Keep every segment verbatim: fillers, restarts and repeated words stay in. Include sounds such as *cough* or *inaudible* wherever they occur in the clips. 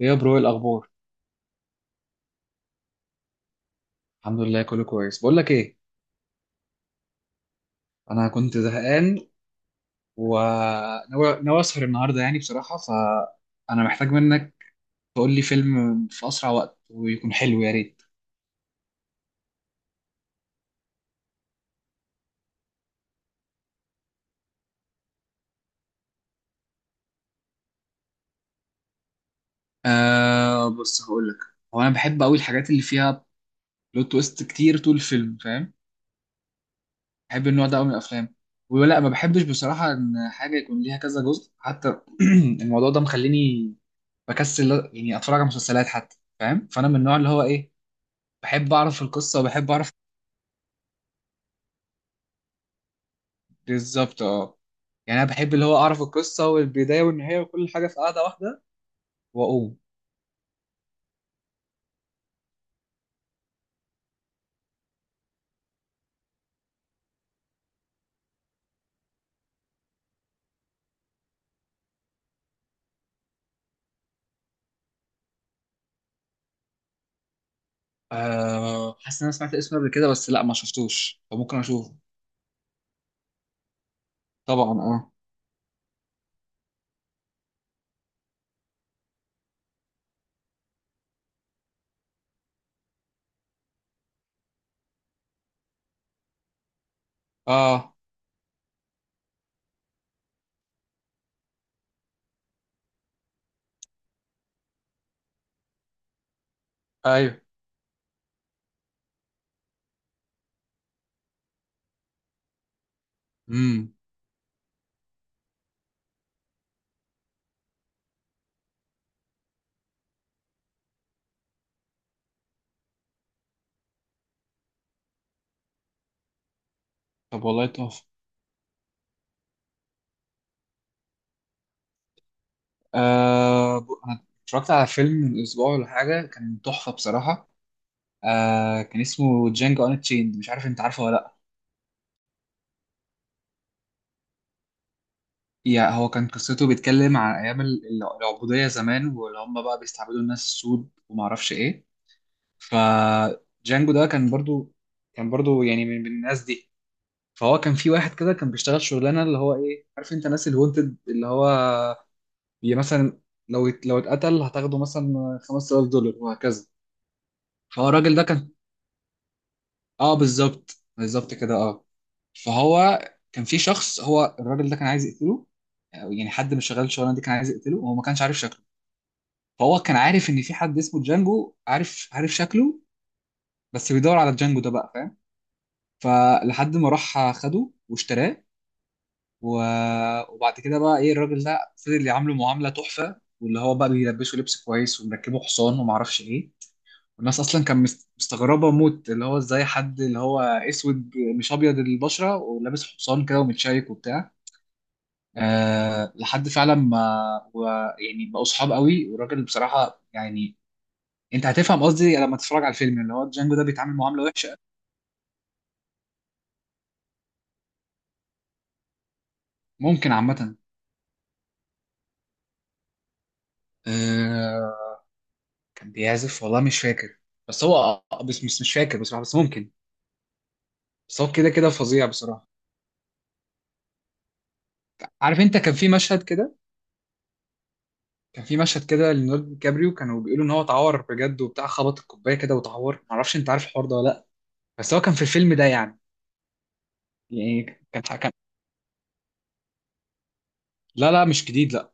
ايه يا برو، إيه الاخبار؟ الحمد لله كله كويس. بقول لك ايه، انا كنت زهقان وناوي ناوي اسهر النهارده، يعني بصراحه فانا محتاج منك تقول لي فيلم في اسرع وقت ويكون حلو يا ريت. آه بص هقول لك، هو انا بحب قوي الحاجات اللي فيها بلوت تويست كتير طول الفيلم، فاهم؟ بحب النوع ده قوي من الافلام ولا ما بحبش بصراحه ان حاجه يكون ليها كذا جزء حتى. *clears throat* الموضوع ده مخليني بكسل يعني اتفرج على مسلسلات حتى، فاهم؟ فانا من النوع اللي هو ايه، بحب اعرف القصه وبحب اعرف. بالظبط اه. يعني انا بحب اللي هو اعرف القصه والبدايه والنهايه وكل حاجه في قاعده واحده واقوم. آه حاسس ان انا سمعت اسمه قبل كده بس لا ما شفتوش، فممكن اشوفه. طبعا اه. اه. ايوه. امم طب والله تحفه. آه ب- انا اتفرجت على فيلم من اسبوع ولا حاجه، كان تحفه بصراحه. آه كان اسمه جانجو ان تشيند، مش عارف انت عارفه ولا لا. يعني هو كان قصته بيتكلم عن ايام ال- العبوديه زمان، واللي هم بقى بيستعبدوا الناس السود وما اعرفش ايه. فجانجو ده كان برضو، كان برضو يعني من من الناس دي. فهو كان في واحد كده كان بيشتغل شغلانه اللي هو ايه، عارف انت ناس الونتد اللي هو بي مثلا، لو ات- لو اتقتل هتاخده مثلا خمسة آلاف دولار وهكذا. فهو الراجل ده كان، اه بالظبط بالظبط كده اه. فهو كان في شخص، هو الراجل ده كان عايز يقتله، أو يعني حد من شغال الشغلانه دي كان عايز يقتله وهو ما كانش عارف شكله. فهو كان عارف ان في حد اسمه جانجو عارف عارف شكله بس بيدور على جانجو ده بقى، فلحد ما راح خده واشتراه و... وبعد كده بقى ايه، الراجل ده فضل يعامله معامله تحفه، واللي هو بقى بيلبسه لبس كويس ومركبه حصان ومعرفش ايه. والناس اصلا كان مست- مستغربه موت اللي هو ازاي حد اللي هو اسود مش ابيض البشره ولابس حصان كده ومتشيك وبتاع. أه لحد فعلا ما و... يعني بقوا صحاب قوي. والراجل بصراحه يعني، انت هتفهم قصدي لما تتفرج على الفيلم، اللي هو جانجو ده بيتعامل معامله وحشه. ممكن عامه. آه، كان بيعزف والله مش فاكر، بس هو آه، بس مش مش فاكر بصراحه، بس ممكن. بس هو كده كده فظيع بصراحه. عارف انت كان في مشهد كده، كان في مشهد كده لنورد كابريو، كانوا بيقولوا ان هو اتعور بجد وبتاع، خبط الكوبايه كده واتعور، معرفش انت عارف الحوار ده ولا لا. بس هو كان في الفيلم ده يعني. يعني كان كان، لا لا مش جديد لا.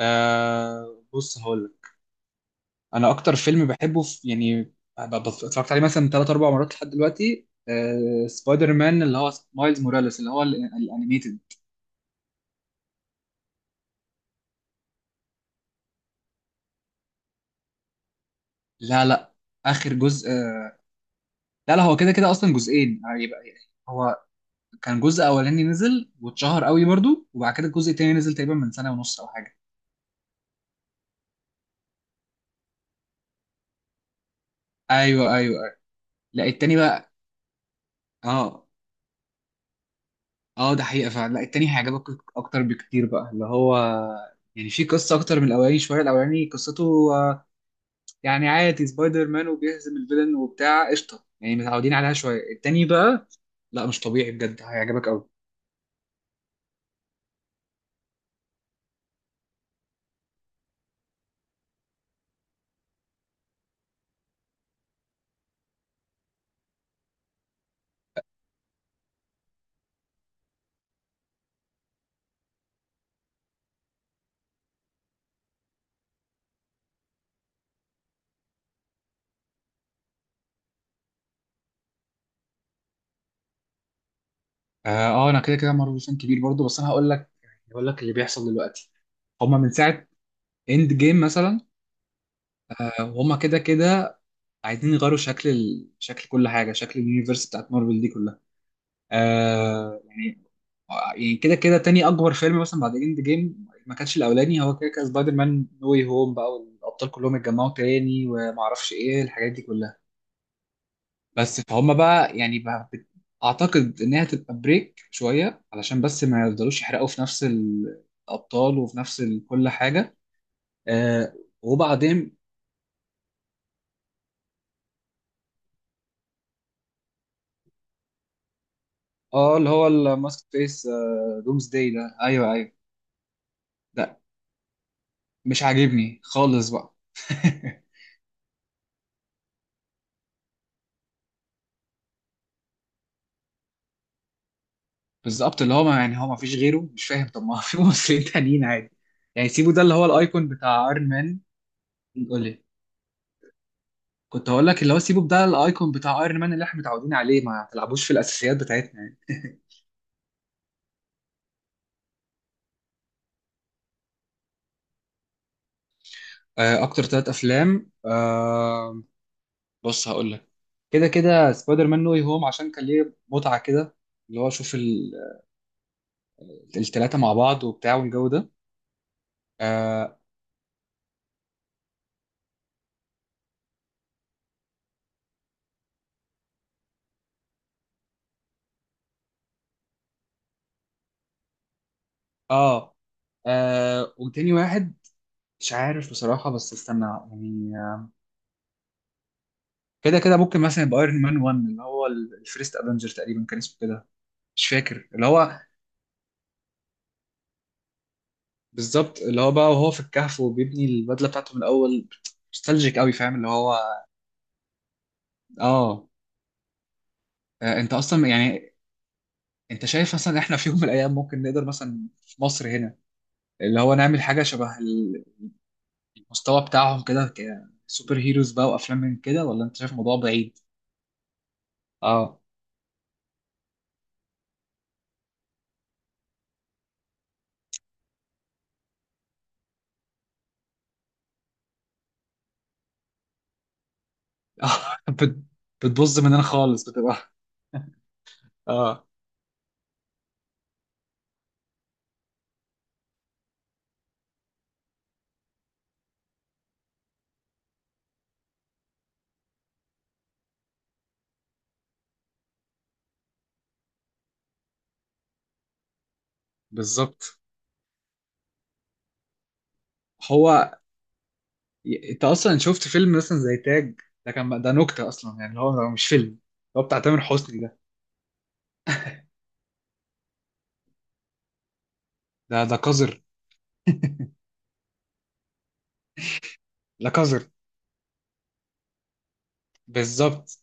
آه بص هقول لك، انا اكتر فيلم بحبه في يعني، ب- ب- اتفرجت عليه مثلا ثلاث اربع مرات لحد دلوقتي، آه سبايدر مان اللي هو مايلز موراليس، اللي هو ال- الانيميتد. لا لا. اخر جزء آه، لا لا، هو كده كده اصلا جزئين هيبقى. هو كان جزء اولاني نزل واتشهر قوي برضو، وبعد كده الجزء التاني نزل تقريبا من سنه ونص او حاجه. ايوه ايوه. ايوه. لا التاني بقى، اه. اه، ده حقيقه فعلا، لا التاني هيعجبك اكتر بكتير بقى. اللي هو يعني في قصه اكتر من الاولاني شويه، الاولاني قصته آه، يعني عادي سبايدر مان وبيهزم الفيلن وبتاع، قشطه يعني متعودين عليها شويه. التاني بقى لا مش طبيعي، بجد هيعجبك قوي. اه. آه، انا كده كده مارفل فان كبير برضو، بس انا هقول لك، هقول لك اللي بيحصل دلوقتي. هما من ساعة اند جيم مثلا، آه، وهما كده كده عايزين يغيروا شكل ال... شكل كل حاجه، شكل اليونيفرس بتاعت مارفل دي كلها. آه يعني يعني كده كده تاني اكبر فيلم مثلا بعد اند جيم، ما كانش الاولاني هو كده كده، سبايدر مان نو واي هوم بقى، والابطال كلهم اتجمعوا تاني وما اعرفش ايه الحاجات دي كلها. بس فهم بقى يعني بقى بت... اعتقد انها تبقى بريك شويه، علشان بس ما يفضلوش يحرقوا في نفس ال- الابطال وفي نفس ال- كل حاجه. آه، وبعدين اه، اللي هو الماسك فيس دومز داي ده، ايوه ايوه. ده مش عاجبني خالص بقى. *laughs* بالظبط، اللي هو ما يعني هو ما فيش غيره؟ مش فاهم، طب ما في *laughs* ممثلين تانيين عادي. يعني سيبوا ده اللي هو الايكون بتاع ايرون مان. قول لي. كنت هقول لك اللي هو سيبوا ده الايكون بتاع ايرون مان اللي احنا متعودين عليه، ما تلعبوش في الاساسيات بتاعتنا يعني. *laughs* آه، اكتر ثلاث افلام آه، بص هقول لك، كده كده سبايدر مان نو واي هوم عشان كان ليه متعة كده، اللي هو اشوف الثلاثة مع بعض وبتاع والجو ده. آه، اه. آه، وتاني واحد مش عارف بصراحة بس استنى يعني، آه، كده كده ممكن مثلا يبقى ايرون مان واحد اللي هو ال- الفيرست افنجر تقريبا كان اسمه كده. مش فاكر اللي هو، بالظبط اللي هو بقى، وهو في الكهف وبيبني البدلة بتاعته من الأول. نوستالجيك قوي، فاهم اللي هو. اه. آه، انت اصلا يعني، انت شايف مثلا احنا في يوم من الايام ممكن نقدر مثلا في مصر هنا اللي هو نعمل حاجة شبه ال- المستوى بتاعهم كده، كسوبر هيروز بقى وافلام من كده؟ ولا انت شايف الموضوع بعيد؟ اه. *laughs* بت- بتبوظ مننا خالص، بتبقى. اه بالظبط. هو ي- انت اصلا شفت فيلم مثلا زي تاج؟ ده كان ده نكته اصلا، يعني اللي هو هو مش فيلم. هو بتاع تامر حسني ده، ده ده قذر. لا قذر، بالظبط.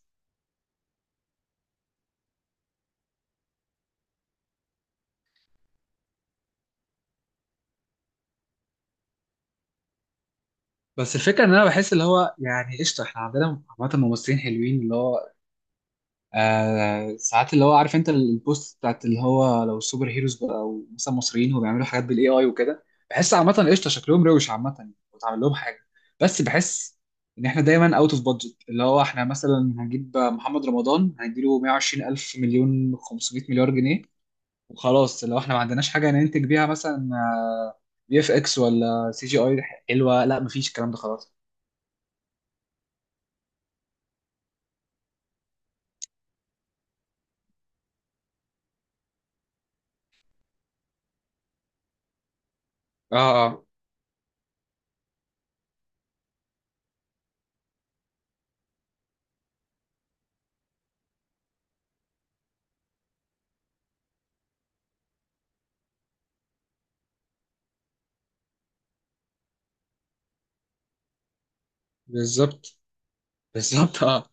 بس الفكره ان انا بحس اللي هو يعني قشطه، احنا عندنا عامه ممثلين حلوين اللي هو آه، ساعات اللي هو عارف انت البوست بتاعت اللي هو لو السوبر هيروز بقى، او مثلا مصريين هو بيعملوا حاجات بالاي اي وكده، بحس عامه قشطه شكلهم روش عامه وتعمل لهم حاجه. بس بحس ان احنا دايما اوت اوف بادجت، اللي هو احنا مثلا هنجيب محمد رمضان هنديله مئة وعشرين الف مليون خمسميه مليار جنيه وخلاص. لو احنا ما عندناش حاجه ننتج بيها مثلا بي اف اكس ولا سي جي اي حلوه، لا مفيش الكلام ده خلاص. اه اه. بالظبط بالظبط اه.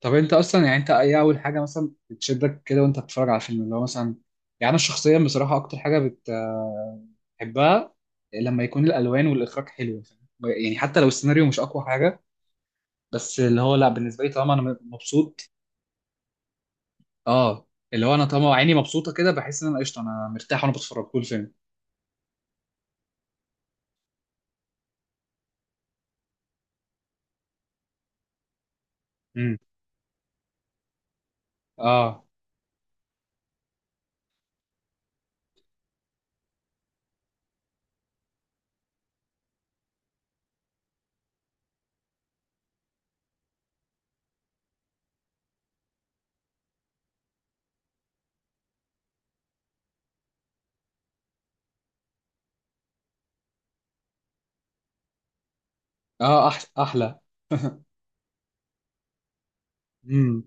طب انت اصلا يعني، انت ايه اول حاجه مثلا بتشدك كده وانت بتتفرج على الفيلم اللي هو مثلا؟ يعني انا شخصيا بصراحه اكتر حاجه بت- بحبها لما يكون الالوان والاخراج حلو، فاهم؟ يعني حتى لو السيناريو مش اقوى حاجه، بس اللي هو لا بالنسبه لي طالما انا مبسوط. اه، اللي هو انا طالما عيني مبسوطه كده، بحس ان انا قشطه، انا مرتاح وانا بتفرج طول الفيلم. امم. اه اه. أح، احلى. امم.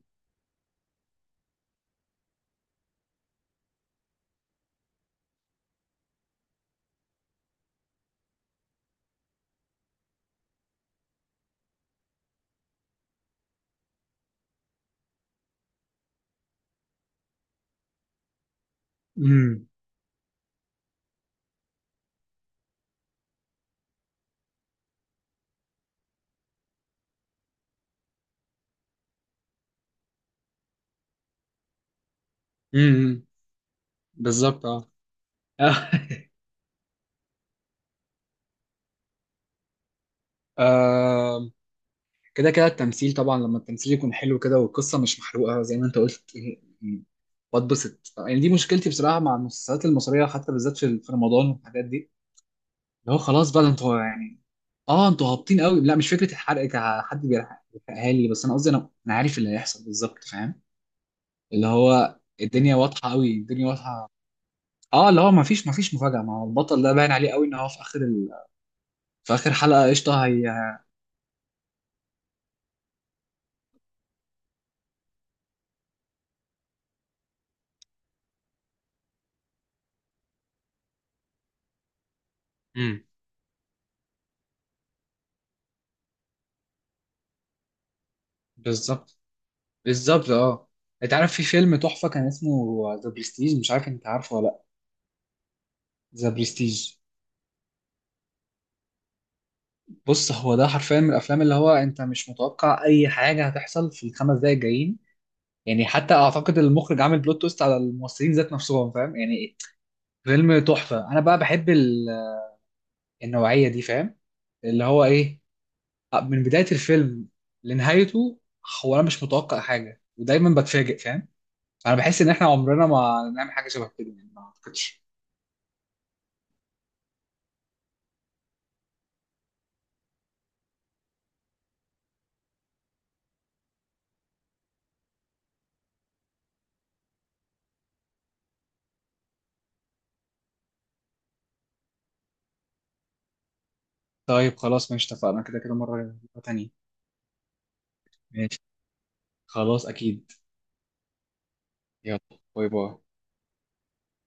امم. امم. بالظبط اه. *laughs* آه، كده كده التمثيل طبعا لما التمثيل يكون حلو كده، والقصة مش محروقة زي ما انت قلت. م- بتبسط يعني. دي مشكلتي بصراحة مع المسلسلات المصرية، حتى بالذات في في رمضان والحاجات دي، اللي هو خلاص بقى ده انتوا يعني، اه انتوا هابطين قوي. لا مش فكرة الحرق كحد بيحرق- بيحرقها لي، بس انا قصدي انا انا عارف اللي هيحصل بالظبط، فاهم؟ اللي هو الدنيا واضحة قوي، الدنيا واضحة. اه اللي هو ما فيش ما فيش مفاجأة، ما هو البطل ده باين عليه قوي ان هو في اخر ال... في اخر حلقة قشطة هي. امم. بالظبط بالظبط اه. انت عارف في فيلم تحفه كان اسمه ذا برستيج، مش عارف انت عارفه ولا لا؟ ذا برستيج. بص هو ده حرفيا من الافلام اللي هو انت مش متوقع اي حاجه هتحصل في الخمس دقايق الجايين. يعني حتى اعتقد المخرج عامل بلوت تويست على الممثلين ذات نفسهم، فاهم يعني؟ فيلم تحفه. انا بقى بحب ال- النوعيه دي، فاهم؟ اللي هو ايه، من بدايه الفيلم لنهايته، هو انا مش متوقع حاجه ودايما بتفاجئ، فاهم؟ انا بحس ان احنا عمرنا ما نعمل حاجه شبه كده يعني، ما اعتقدش. طيب خلاص ماشي، اتفقنا كده كده مرة، مرة تانية. ماشي. خلاص أكيد. يلا، باي باي.